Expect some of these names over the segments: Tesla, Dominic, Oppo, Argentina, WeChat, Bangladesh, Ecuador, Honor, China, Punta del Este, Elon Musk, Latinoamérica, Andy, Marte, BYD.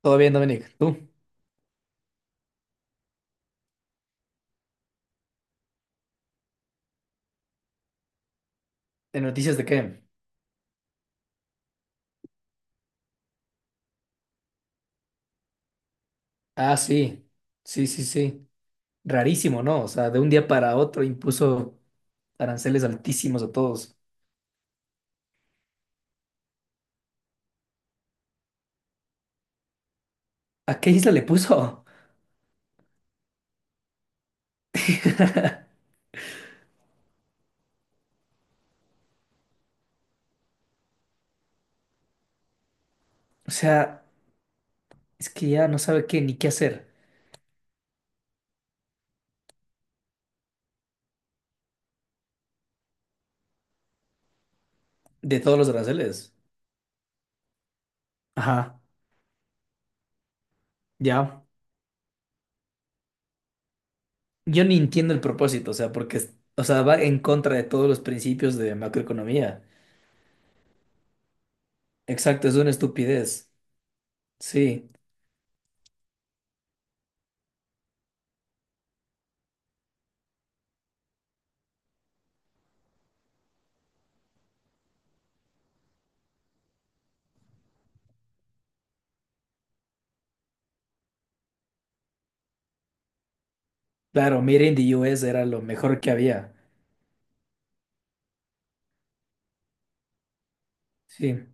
Todo bien, Dominic. ¿Tú? ¿De noticias de qué? Ah, sí. Sí, sí, sí. Rarísimo, ¿no? O sea, de un día para otro impuso aranceles altísimos a todos. ¿A qué isla le puso? O sea, es que ya no sabe qué ni qué hacer de todos los aranceles. Ajá, ya. Yo ni entiendo el propósito, o sea, porque, o sea, va en contra de todos los principios de macroeconomía. Exacto, es una estupidez. Sí, claro, Made in the US era lo mejor que había. Sí.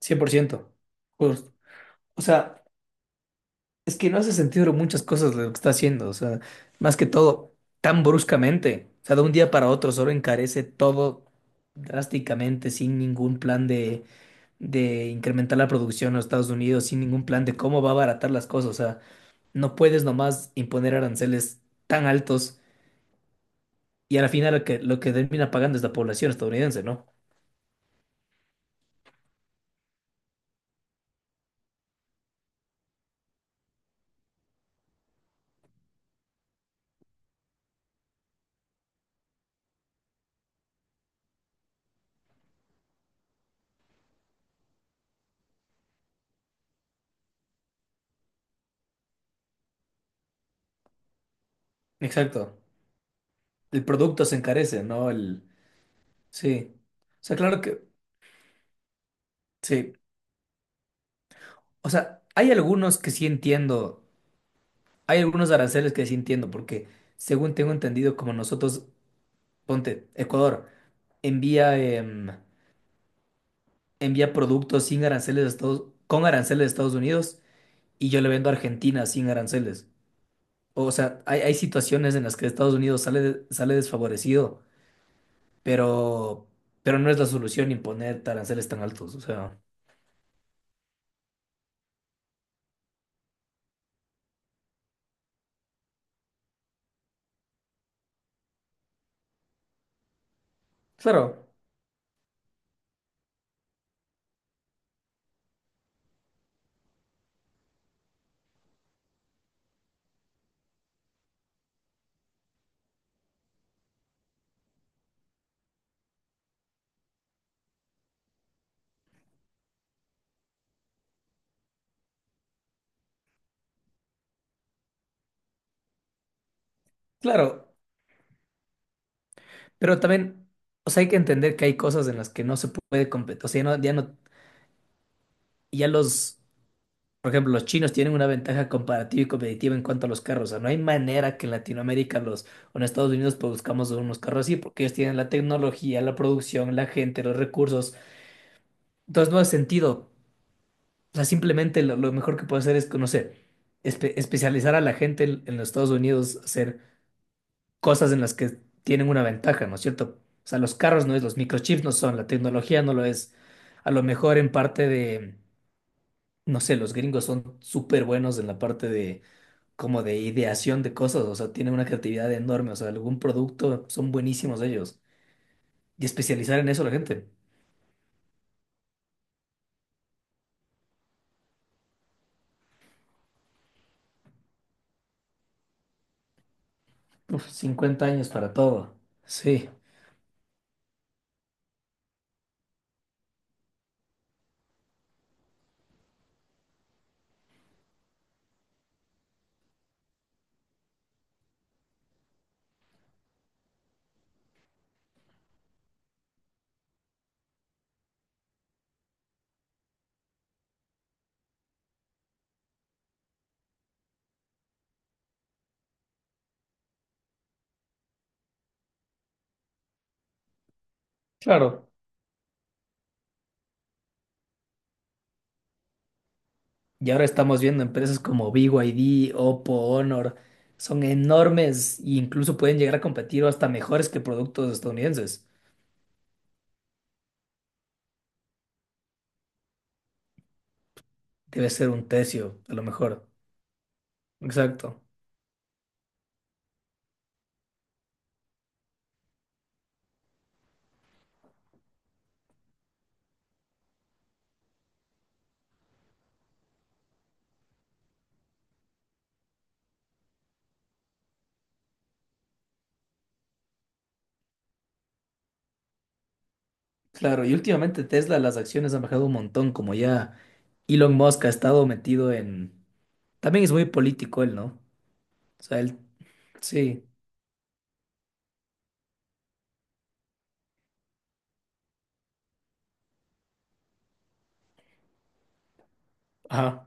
100%. Justo. O sea, es que no hace sentido muchas cosas lo que está haciendo. O sea, más que todo, tan bruscamente. O sea, de un día para otro solo encarece todo drásticamente, sin ningún plan de incrementar la producción en los Estados Unidos, sin ningún plan de cómo va a abaratar las cosas. O sea, no puedes nomás imponer aranceles tan altos y a la final lo que termina pagando es la población estadounidense, ¿no? Exacto. El producto se encarece, ¿no? El... Sí. O sea, claro que... Sí. O sea, hay algunos que sí entiendo, hay algunos aranceles que sí entiendo, porque según tengo entendido, como nosotros, ponte, Ecuador envía, envía productos sin aranceles a Estados, con aranceles a Estados Unidos y yo le vendo a Argentina sin aranceles. O sea, hay situaciones en las que Estados Unidos sale, sale desfavorecido, pero, pero no es la solución imponer aranceles tan altos. O sea, claro, claro, pero también... O sea, hay que entender que hay cosas en las que no se puede competir. O sea, ya no, ya no. Y ya los, por ejemplo, los chinos tienen una ventaja comparativa y competitiva en cuanto a los carros. O sea, no hay manera que en Latinoamérica los, o en Estados Unidos produzcamos unos carros así, porque ellos tienen la tecnología, la producción, la gente, los recursos. Entonces no hace sentido. O sea, simplemente lo mejor que puedo hacer es que conocer, especializar a la gente en los Estados Unidos, hacer cosas en las que tienen una ventaja, ¿no es cierto? O sea, los carros no es, los microchips no son, la tecnología no lo es. A lo mejor en parte de... No sé, los gringos son súper buenos en la parte de como de ideación de cosas, o sea, tienen una creatividad enorme, o sea, algún producto son buenísimos ellos. Y especializar en eso la gente. Uf, 50 años para todo. Sí, claro. Y ahora estamos viendo empresas como BYD, Oppo, Honor, son enormes e incluso pueden llegar a competir o hasta mejores que productos estadounidenses. Debe ser un tercio, a lo mejor. Exacto. Claro, y últimamente Tesla, las acciones han bajado un montón, como ya Elon Musk ha estado metido en... También es muy político él, ¿no? O sea, él, sí, ajá,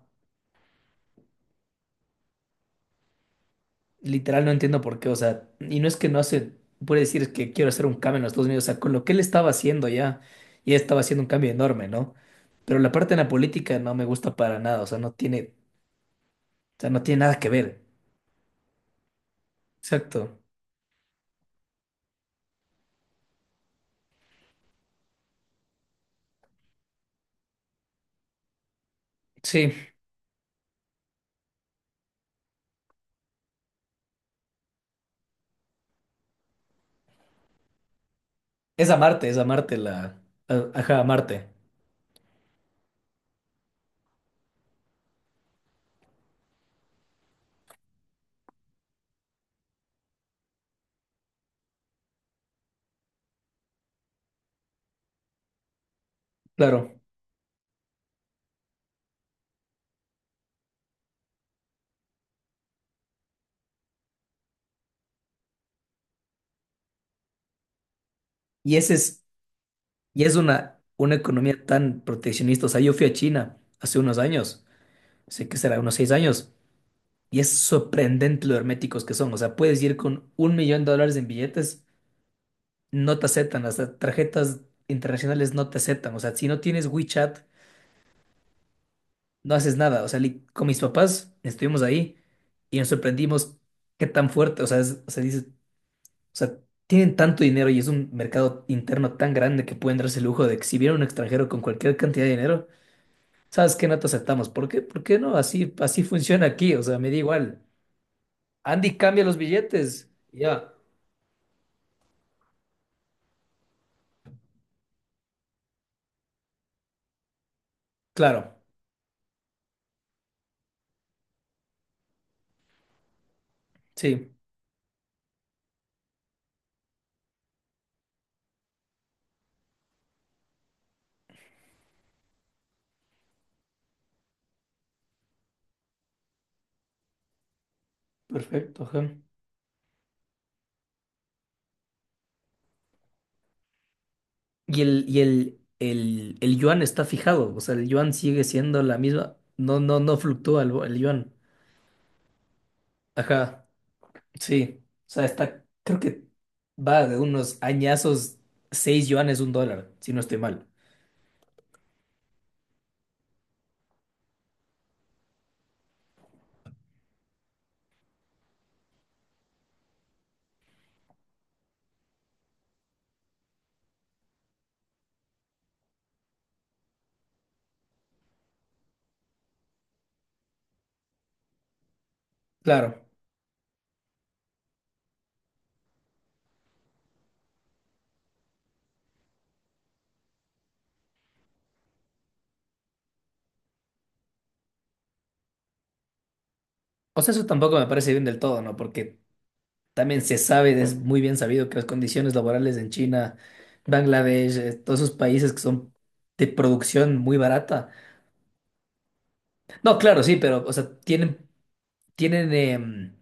literal no entiendo por qué, o sea, y no es que no hace, puede decir que quiero hacer un cambio en los Estados Unidos, o sea, con lo que él estaba haciendo ya, ya estaba haciendo un cambio enorme, ¿no? Pero la parte en la política no me gusta para nada, o sea, no tiene, o sea, no tiene nada que ver. Exacto. Sí, es a Marte la, ajá, a Marte, claro. Y ese es... Y es una economía tan proteccionista. O sea, yo fui a China hace unos años, sé que será unos 6 años, y es sorprendente lo herméticos que son. O sea, puedes ir con $1.000.000 en billetes, no te aceptan, las tarjetas internacionales no te aceptan. O sea, si no tienes WeChat, no haces nada. O sea, con mis papás estuvimos ahí y nos sorprendimos qué tan fuerte, o sea, o sea, dices, o sea, tienen tanto dinero y es un mercado interno tan grande que pueden darse el lujo de exhibir a un extranjero con cualquier cantidad de dinero. ¿Sabes qué? No te aceptamos. ¿Por qué? ¿Por qué no? Así, así funciona aquí. O sea, me da igual. Andy cambia los billetes. Ya. Claro. Sí. Perfecto, ajá. El yuan está fijado. O sea, el yuan sigue siendo la misma. No, no, no fluctúa el yuan. Ajá. Sí. O sea, está. Creo que va de unos añazos. 6 yuanes, un dólar, si no estoy mal. Claro. O sea, eso tampoco me parece bien del todo, ¿no? Porque también se sabe, es muy bien sabido que las condiciones laborales en China, Bangladesh, todos esos países que son de producción muy barata. No, claro, sí, pero, o sea, tienen, tienen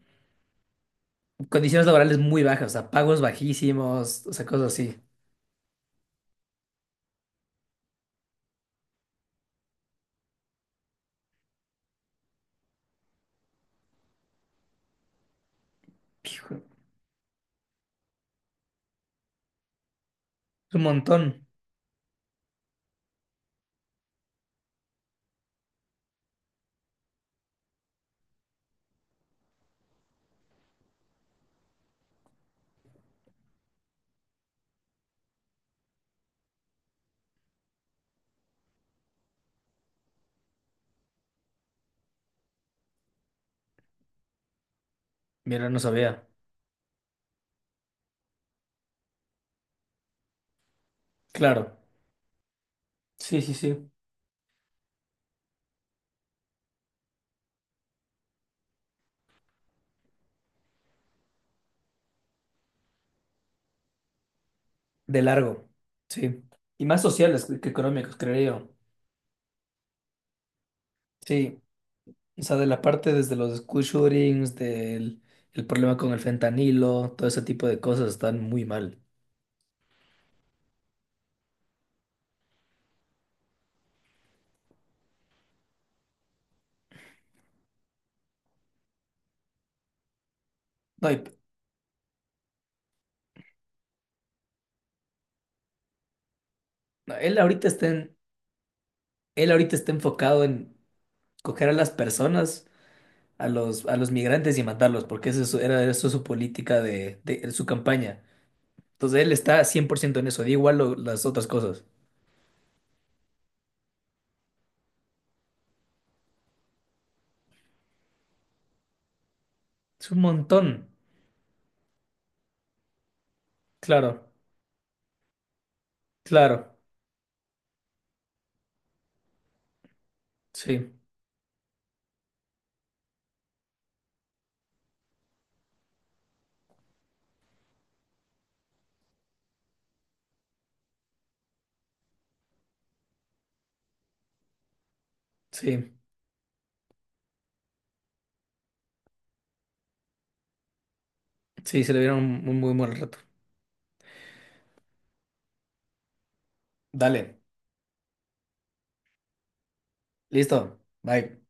condiciones laborales muy bajas, o sea, pagos bajísimos, o sea, cosas así. Hijo, es un montón. Mira, no sabía. Claro. Sí, sí, sí. De largo. Sí. Y más sociales que económicos, creo yo. Sí. O sea, de la parte desde los school shootings, del el problema con el fentanilo, todo ese tipo de cosas están muy mal. No, y- no, él ahorita está en- él ahorita está enfocado en coger a las personas, a los migrantes y matarlos, porque eso es era eso es su política de su campaña. Entonces él está 100% en eso, da igual las otras cosas. Es un montón. Claro, claro. Sí, sí, sí, se le dieron un muy buen rato. Dale, listo. Bye.